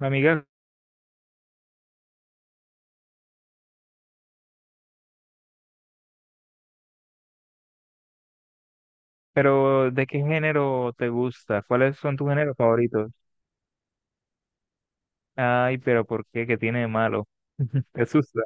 Amiga, pero ¿de qué género te gusta? ¿Cuáles son tus géneros favoritos? Ay, pero ¿por qué? ¿Qué tiene de malo? ¿Te asusta?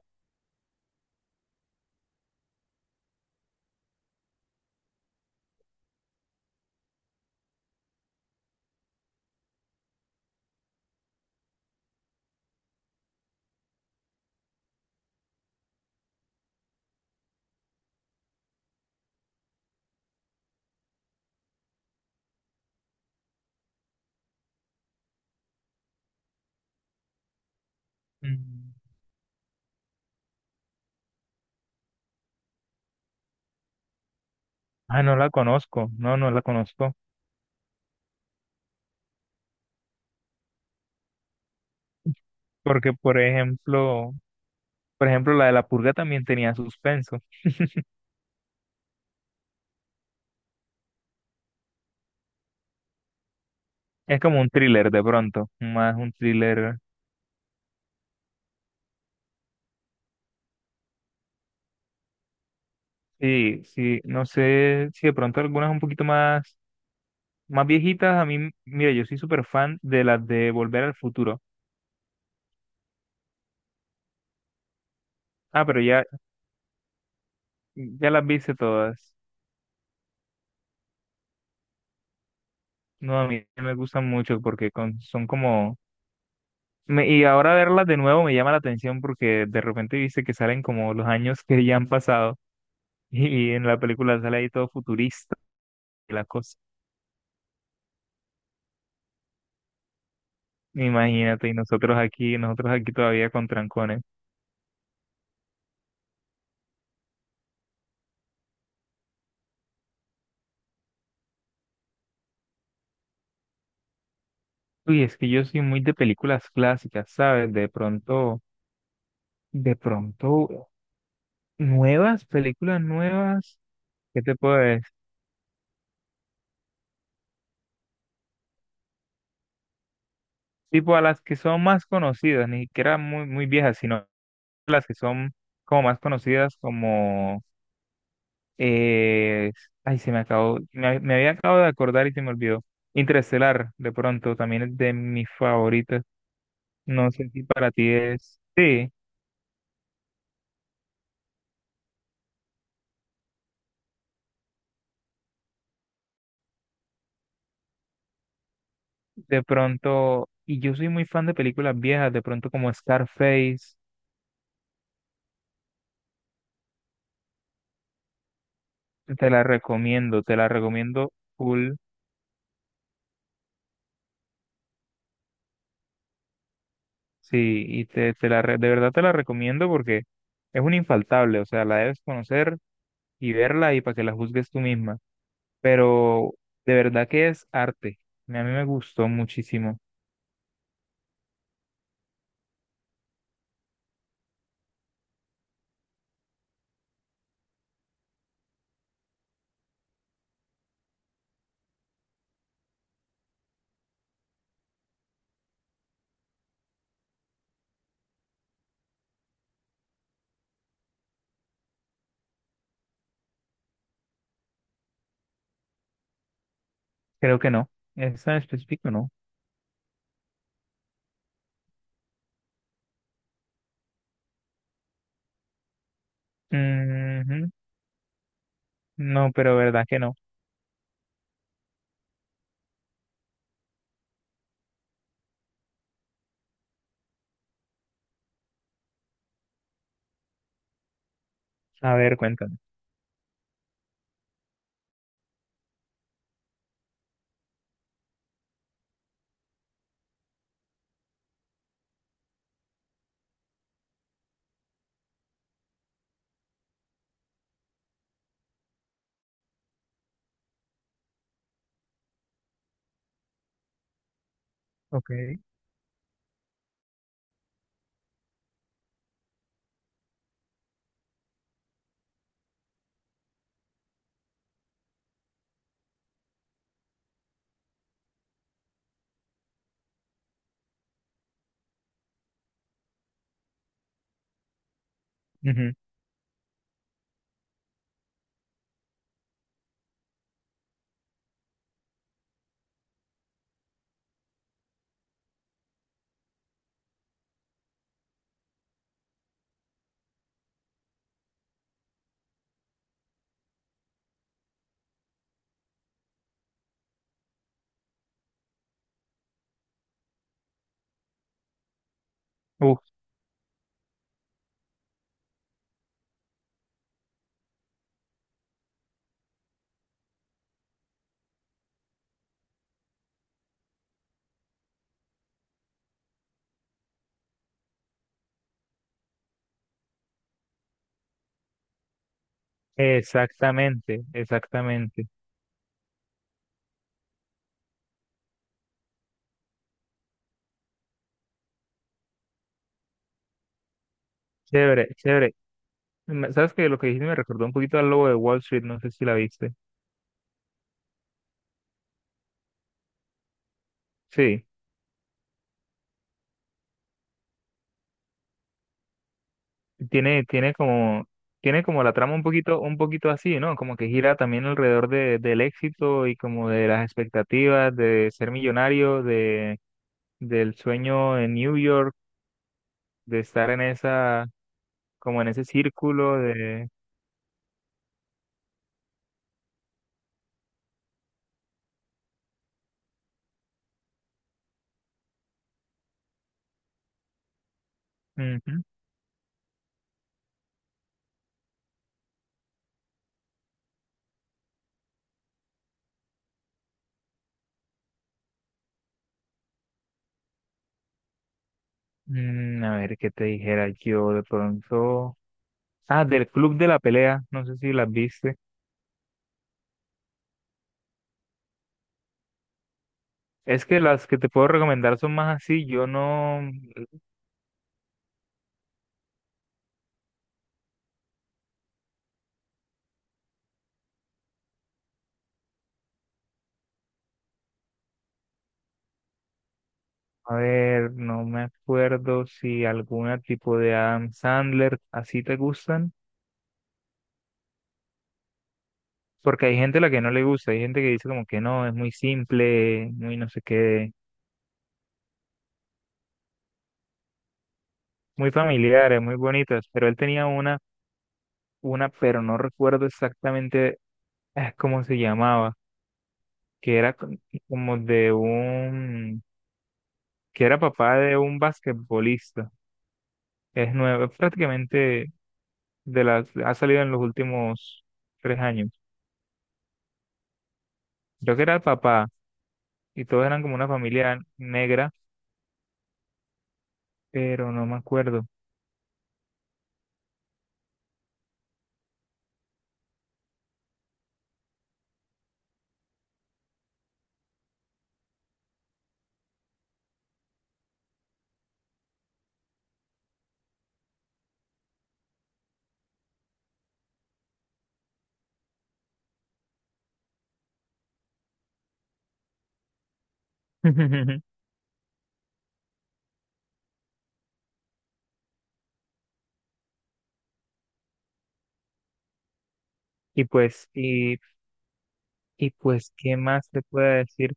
Mm. Ah, no la conozco. No, no la conozco. Porque, por ejemplo, la de La Purga también tenía suspenso. Es como un thriller de pronto, más un thriller. Sí, sí, no sé si de pronto algunas un poquito más, más viejitas. A mí, mira, yo soy súper fan de las de Volver al Futuro. Ah, pero ya, ya las viste todas. No, a mí me gustan mucho porque son como... y ahora verlas de nuevo me llama la atención porque de repente viste que salen como los años que ya han pasado y, en la película sale ahí todo futurista y la cosa. Imagínate, y nosotros aquí todavía con trancones. Uy, es que yo soy muy de películas clásicas, ¿sabes? De pronto, nuevas, películas nuevas, ¿qué te puedes decir? Tipo a las que son más conocidas, ni siquiera muy, muy viejas, sino... las que son como más conocidas, como, eh, ay, se me acabó, me había acabado de acordar y se me olvidó. Interestelar, de pronto, también es de mis favoritas. No sé si para ti es, sí, de pronto, y yo soy muy fan de películas viejas, de pronto como Scarface, te la recomiendo full, sí, y de verdad te la recomiendo porque es un infaltable, o sea, la debes conocer y verla y para que la juzgues tú misma. Pero de verdad que es arte. A mí me gustó muchísimo. Creo que no. Esa en específico no. Ujú. No, pero verdad que no. A ver, cuéntame. Ok. Ujú. Uf, exactamente, exactamente. Chévere, chévere. ¿Sabes que lo que dijiste me recordó un poquito al Lobo de Wall Street? No sé si la viste. Sí. Tiene, tiene como la trama un poquito así, ¿no? Como que gira también alrededor de, del éxito y como de las expectativas de ser millonario, de, del sueño en New York, de estar en esa, como en ese círculo de, ujú. Mm, a ver, ¿qué te dijera yo de pronto? Ah, del Club de la Pelea, no sé si las viste. Es que las que te puedo recomendar son más así, yo no. A ver, no me acuerdo si alguna tipo de Adam Sandler así te gustan, porque hay gente a la que no le gusta, hay gente que dice como que no, es muy simple, muy no sé qué, muy familiares, muy bonitas, pero él tenía una, pero no recuerdo exactamente cómo se llamaba, que era co- como de un, que era papá de un basquetbolista, es nuevo, es prácticamente de las, ha salido en los últimos 3 años, creo que era el papá. Y todos eran como una familia negra, pero no me acuerdo. Y pues, y, y pues, ¿qué más te puedo decir?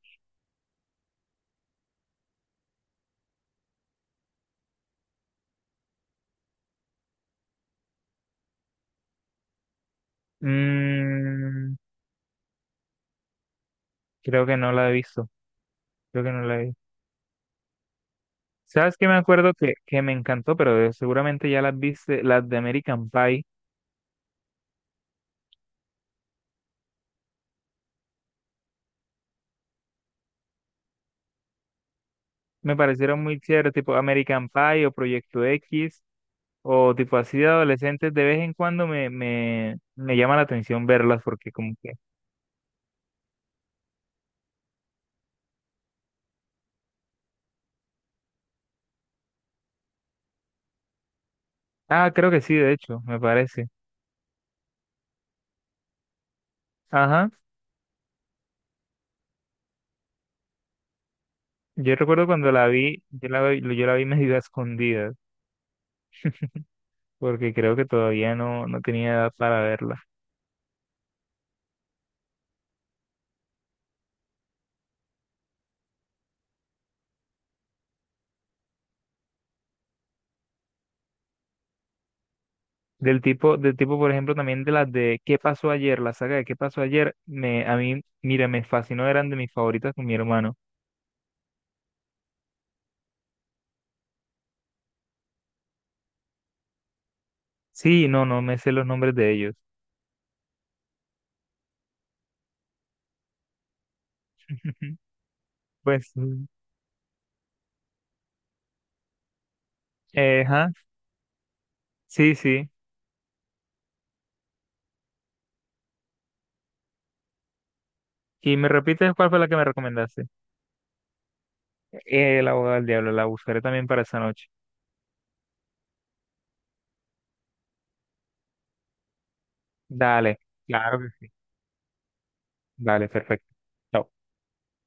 Mm, creo que no la he visto, creo que no la he visto. ¿Sabes qué me acuerdo que me encantó? Pero seguramente ya las viste, las de American Pie, me parecieron muy chéveres, tipo American Pie o Proyecto X, o tipo así de adolescentes, de vez en cuando me llama la atención verlas, porque como que, ah, creo que sí, de hecho, me parece. Ajá. Yo recuerdo cuando la vi, yo la vi medio a escondidas, porque creo que todavía no, no tenía edad para verla. Del tipo, por ejemplo, también de las de ¿Qué pasó ayer? La saga de ¿Qué pasó ayer? Me, a mí, mira, me fascinó, eran de mis favoritas con mi hermano. Sí, no, no me sé los nombres de ellos. Pues, mm, ajá, sí, sí. Y me repites cuál fue la que me recomendaste. El abogado del diablo, la buscaré también para esa noche. Dale, claro que sí. Dale, perfecto. Chao.